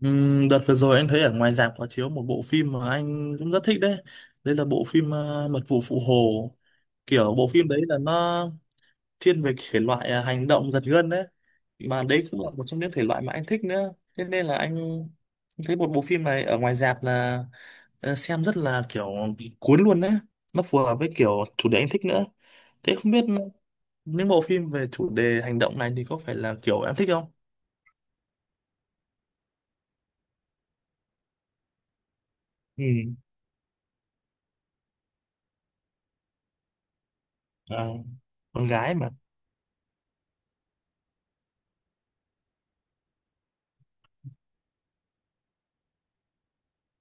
Đợt vừa rồi anh thấy ở ngoài rạp có chiếu một bộ phim mà anh cũng rất thích đấy. Đấy là bộ phim Mật vụ Phụ Hồ. Kiểu bộ phim đấy là nó thiên về thể loại hành động giật gân đấy. Mà đấy cũng là một trong những thể loại mà anh thích nữa. Thế nên là anh thấy một bộ phim này ở ngoài rạp là xem rất là kiểu bị cuốn luôn đấy. Nó phù hợp với kiểu chủ đề anh thích nữa. Thế không biết những bộ phim về chủ đề hành động này thì có phải là kiểu em thích không? Ừ. À, con gái mà.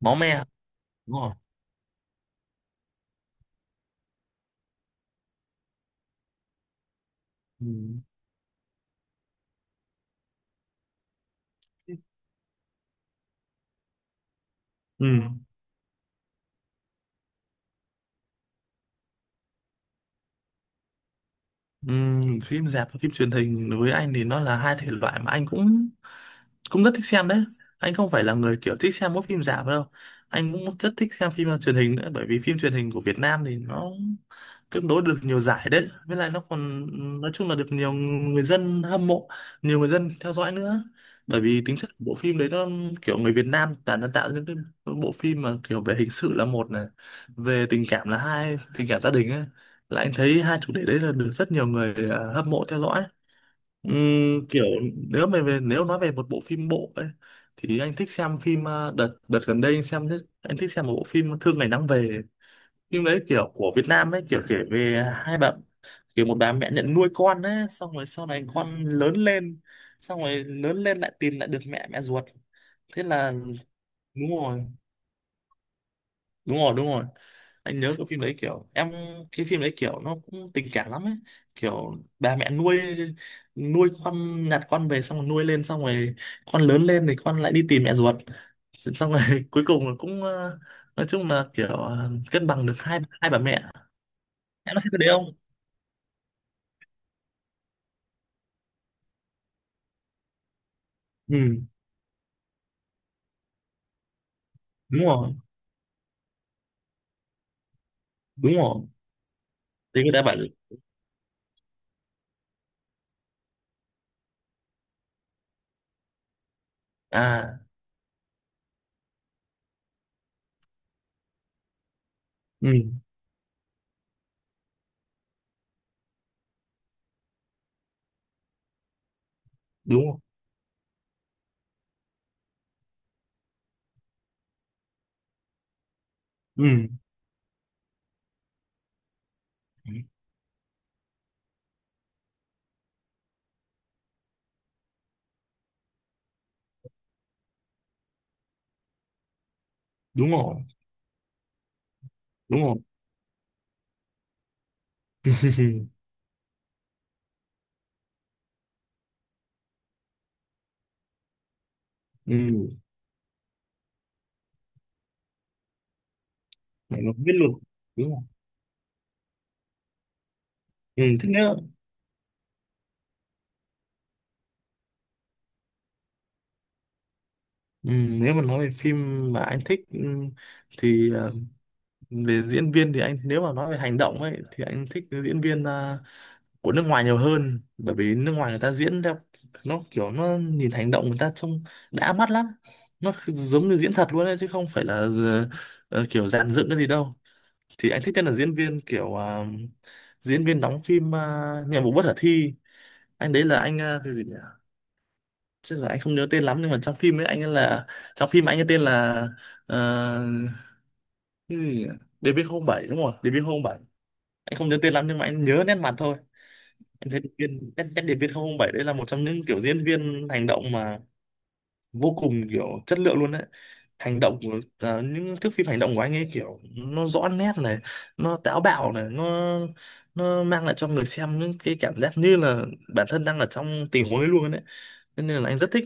Máu me. Đúng rồi. Ừ. Ừ. Ừ. Phim rạp và phim truyền hình đối với anh thì nó là hai thể loại mà anh cũng cũng rất thích xem đấy. Anh không phải là người kiểu thích xem mỗi phim rạp đâu. Anh cũng rất thích xem phim truyền hình nữa, bởi vì phim truyền hình của Việt Nam thì nó tương đối được nhiều giải đấy, với lại nó còn nói chung là được nhiều người dân hâm mộ, nhiều người dân theo dõi nữa. Bởi vì tính chất của bộ phim đấy, nó kiểu người Việt Nam toàn đang tạo những cái bộ phim mà kiểu về hình sự là một này, về tình cảm là hai, tình cảm gia đình ấy, là anh thấy hai chủ đề đấy là được rất nhiều người hâm mộ theo dõi. Kiểu nếu nói về một bộ phim bộ ấy thì anh thích xem phim, đợt đợt gần đây anh xem, anh thích xem một bộ phim Thương Ngày Nắng Về. Phim đấy kiểu của Việt Nam ấy, kiểu kể về hai bạn, kiểu một bà mẹ nhận nuôi con ấy, xong rồi sau này con lớn lên, xong rồi lớn lên lại tìm lại được mẹ mẹ ruột, thế là đúng rồi, đúng rồi, đúng rồi. Anh nhớ cái phim đấy kiểu em, cái phim đấy kiểu nó cũng tình cảm lắm ấy, kiểu bà mẹ nuôi nuôi con, nhặt con về xong rồi nuôi lên, xong rồi con lớn lên thì con lại đi tìm mẹ ruột, xong rồi cuối cùng là cũng nói chung là kiểu cân bằng được hai hai bà mẹ. Em có xem cái đấy không? Ừ. Đúng rồi, đúng rồi, thì người ta bảo. À. Ừ. Đúng rồi. Ừ. Đúng rồi, đúng rồi ừ, mày nó biết luôn. Đúng rồi. Ừ, thế nếu, ừ, nếu mà nói về phim mà anh thích, thì về diễn viên thì anh, nếu mà nói về hành động ấy, thì anh thích cái diễn viên của nước ngoài nhiều hơn, bởi vì nước ngoài người ta diễn theo nó kiểu, nó nhìn hành động người ta trông đã mắt lắm, nó giống như diễn thật luôn ấy, chứ không phải là kiểu dàn dựng cái gì đâu. Thì anh thích nhất là diễn viên kiểu, diễn viên đóng phim, Nhiệm vụ bất khả thi. Anh đấy là anh, cái gì nhỉ, chứ là anh không nhớ tên lắm. Nhưng mà trong phim ấy anh ấy là, trong phim anh ấy tên là, uh, cái gì nhỉ? Điệp viên không 07, đúng rồi, Điệp viên không DB07. Anh không nhớ tên lắm nhưng mà anh nhớ nét mặt thôi. Anh thấy điệp viên nét, nét điệp viên không không bảy đấy là một trong những kiểu diễn viên hành động mà vô cùng kiểu chất lượng luôn đấy. Hành động của những thước phim hành động của anh ấy kiểu nó rõ nét này, nó táo bạo này, nó mang lại cho người xem những cái cảm giác như là bản thân đang ở trong tình huống ấy luôn đấy. Thế nên là anh rất thích.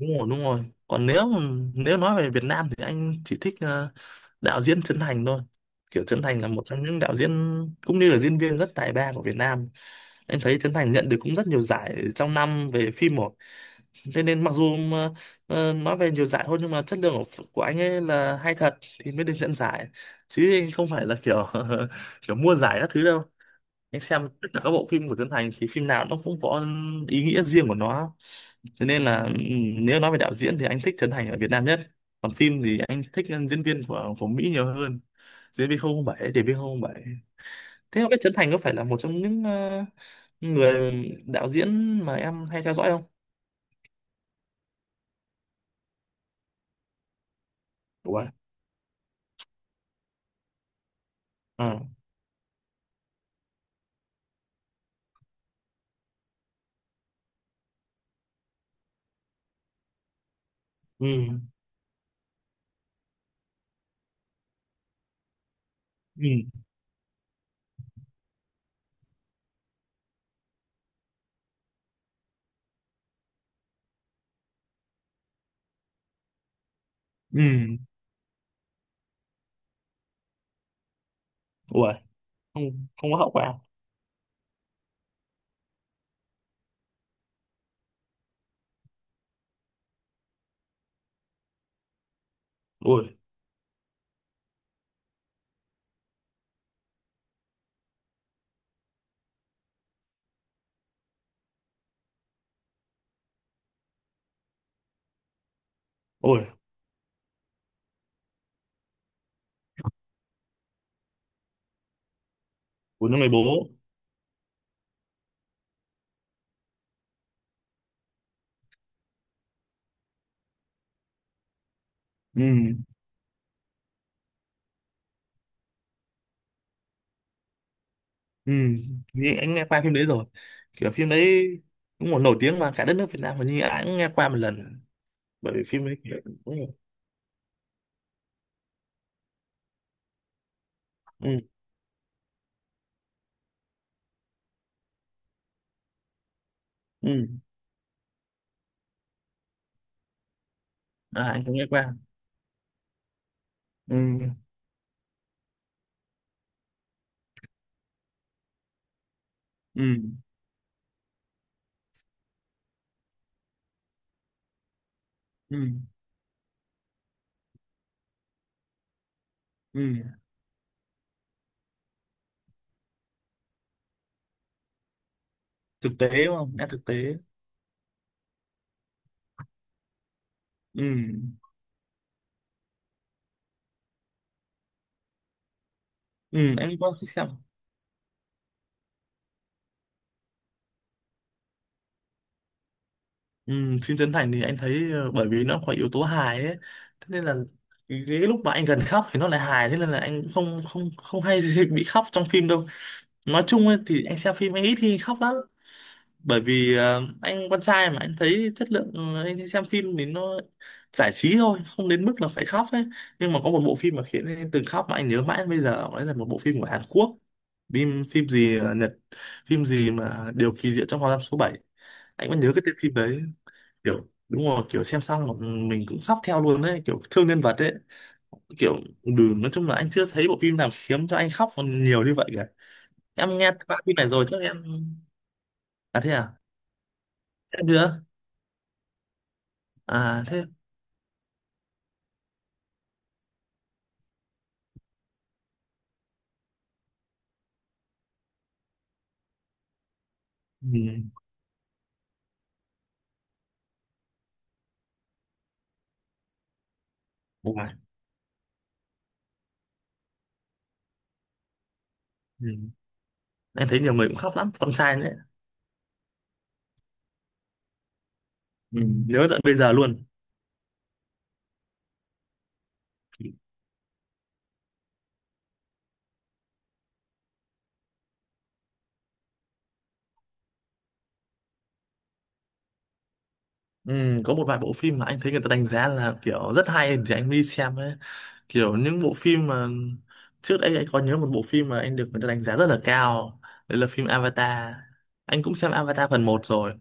Đúng rồi, đúng rồi, còn nếu, nếu nói về Việt Nam thì anh chỉ thích đạo diễn Trấn Thành thôi. Kiểu Trấn Thành là một trong những đạo diễn cũng như là diễn viên rất tài ba của Việt Nam. Em thấy Trấn Thành nhận được cũng rất nhiều giải trong năm về phim một. Thế nên mặc dù mà, nói về nhiều giải thôi, nhưng mà chất lượng của anh ấy là hay thật thì mới được nhận giải, chứ anh không phải là kiểu kiểu mua giải các thứ đâu. Anh xem tất cả các bộ phim của Trấn Thành thì phim nào nó cũng có ý nghĩa riêng của nó. Thế nên là, ừ, nếu nói về đạo diễn thì anh thích Trấn Thành ở Việt Nam nhất, còn phim thì anh thích diễn viên của Mỹ nhiều hơn. Diễn viên 007, để viên 007. Thế không biết Trấn Thành có phải là một trong những người đạo diễn mà em hay theo dõi không? Ủa, rồi. Ờ. Ừ. Ừ. Ừ. Ui, không, không có hậu quả. Ui. Ui, của những người bố. Ừ. Ừ, như anh nghe qua phim đấy rồi. Kiểu phim đấy cũng còn nổi tiếng mà, cả đất nước Việt Nam hình như ai cũng nghe qua một lần. Bởi vì phim đấy kiểu, ừ. Ừ. Ừ. À, anh cũng nghe qua. Ừ. Ừ. Ừ. Ừ, thực tế đúng không, nghe thực tế. Ừ. Ừ, anh có thích xem. Ừ, phim Trấn Thành thì anh thấy bởi vì nó có yếu tố hài ấy, thế nên là cái lúc mà anh gần khóc thì nó lại hài, thế nên là anh cũng không không không hay gì bị khóc trong phim đâu. Nói chung ấy, thì anh xem phim anh ít khi khóc lắm, bởi vì anh con trai mà, anh thấy chất lượng, anh xem phim thì nó giải trí thôi, không đến mức là phải khóc ấy. Nhưng mà có một bộ phim mà khiến anh từng khóc mà anh nhớ mãi đến bây giờ, đấy là một bộ phim của Hàn Quốc, phim phim gì Nhật, phim gì mà Điều kỳ diệu trong phòng giam số bảy. Anh vẫn nhớ cái tên phim đấy, kiểu đúng rồi, kiểu xem xong mà mình cũng khóc theo luôn đấy, kiểu thương nhân vật đấy, kiểu, ừ, nói chung là anh chưa thấy bộ phim nào khiến cho anh khóc còn nhiều như vậy cả. Em nghe qua phim này rồi chắc em, à thế à, xem chưa, à thế. Ừ. Wow. Ừ. Em thấy nhiều người cũng khóc lắm, con trai nữa. Ừ. Nhớ tận bây giờ luôn. Ừ, có một vài bộ phim mà anh thấy người ta đánh giá là kiểu rất hay thì anh mới đi xem ấy. Kiểu những bộ phim mà trước đây anh có nhớ, một bộ phim mà anh được người ta đánh giá rất là cao, đấy là phim Avatar. Anh cũng xem Avatar phần một rồi,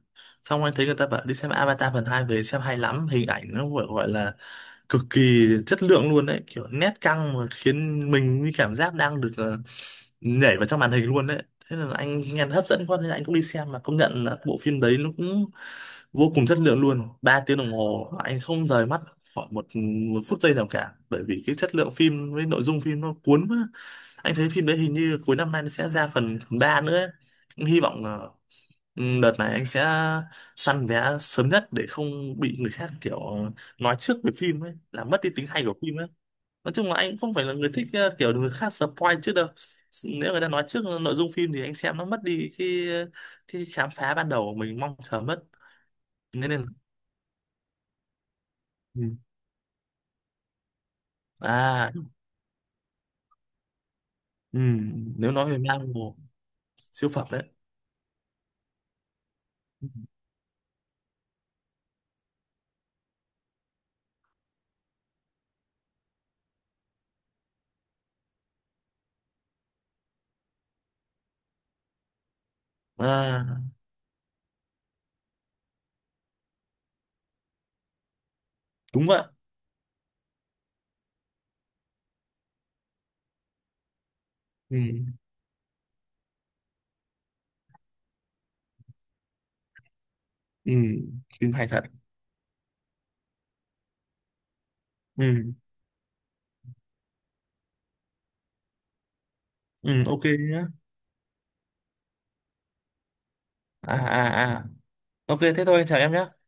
xong anh thấy người ta bảo đi xem Avatar phần hai, về xem hay lắm, hình ảnh nó gọi gọi là cực kỳ chất lượng luôn đấy, kiểu nét căng, mà khiến mình như cảm giác đang được nhảy vào trong màn hình luôn đấy. Thế là anh nghe hấp dẫn quá nên anh cũng đi xem, mà công nhận là bộ phim đấy nó cũng vô cùng chất lượng luôn. Ba tiếng đồng hồ mà anh không rời mắt khỏi một, một phút giây nào cả, bởi vì cái chất lượng phim với nội dung phim nó cuốn quá. Anh thấy phim đấy hình như cuối năm nay nó sẽ ra phần ba nữa ấy. Hy vọng là, ừ, đợt này anh sẽ săn vé sớm nhất để không bị người khác kiểu nói trước về phim ấy, làm mất đi tính hay của phim ấy. Nói chung là anh cũng không phải là người thích kiểu người khác spoil trước đâu. Nếu người ta nói trước nội dung phim thì anh xem nó mất đi cái khám phá ban đầu của mình mong chờ mất. Nên nên, ừ, à, ừ, nếu nói về Marvel siêu phẩm đấy. À, đúng vậy. Ừ. Ừ. Phim hay thật. Ừ. Ừ, ok nhá. À à à. Ok thế thôi, chào em nhé.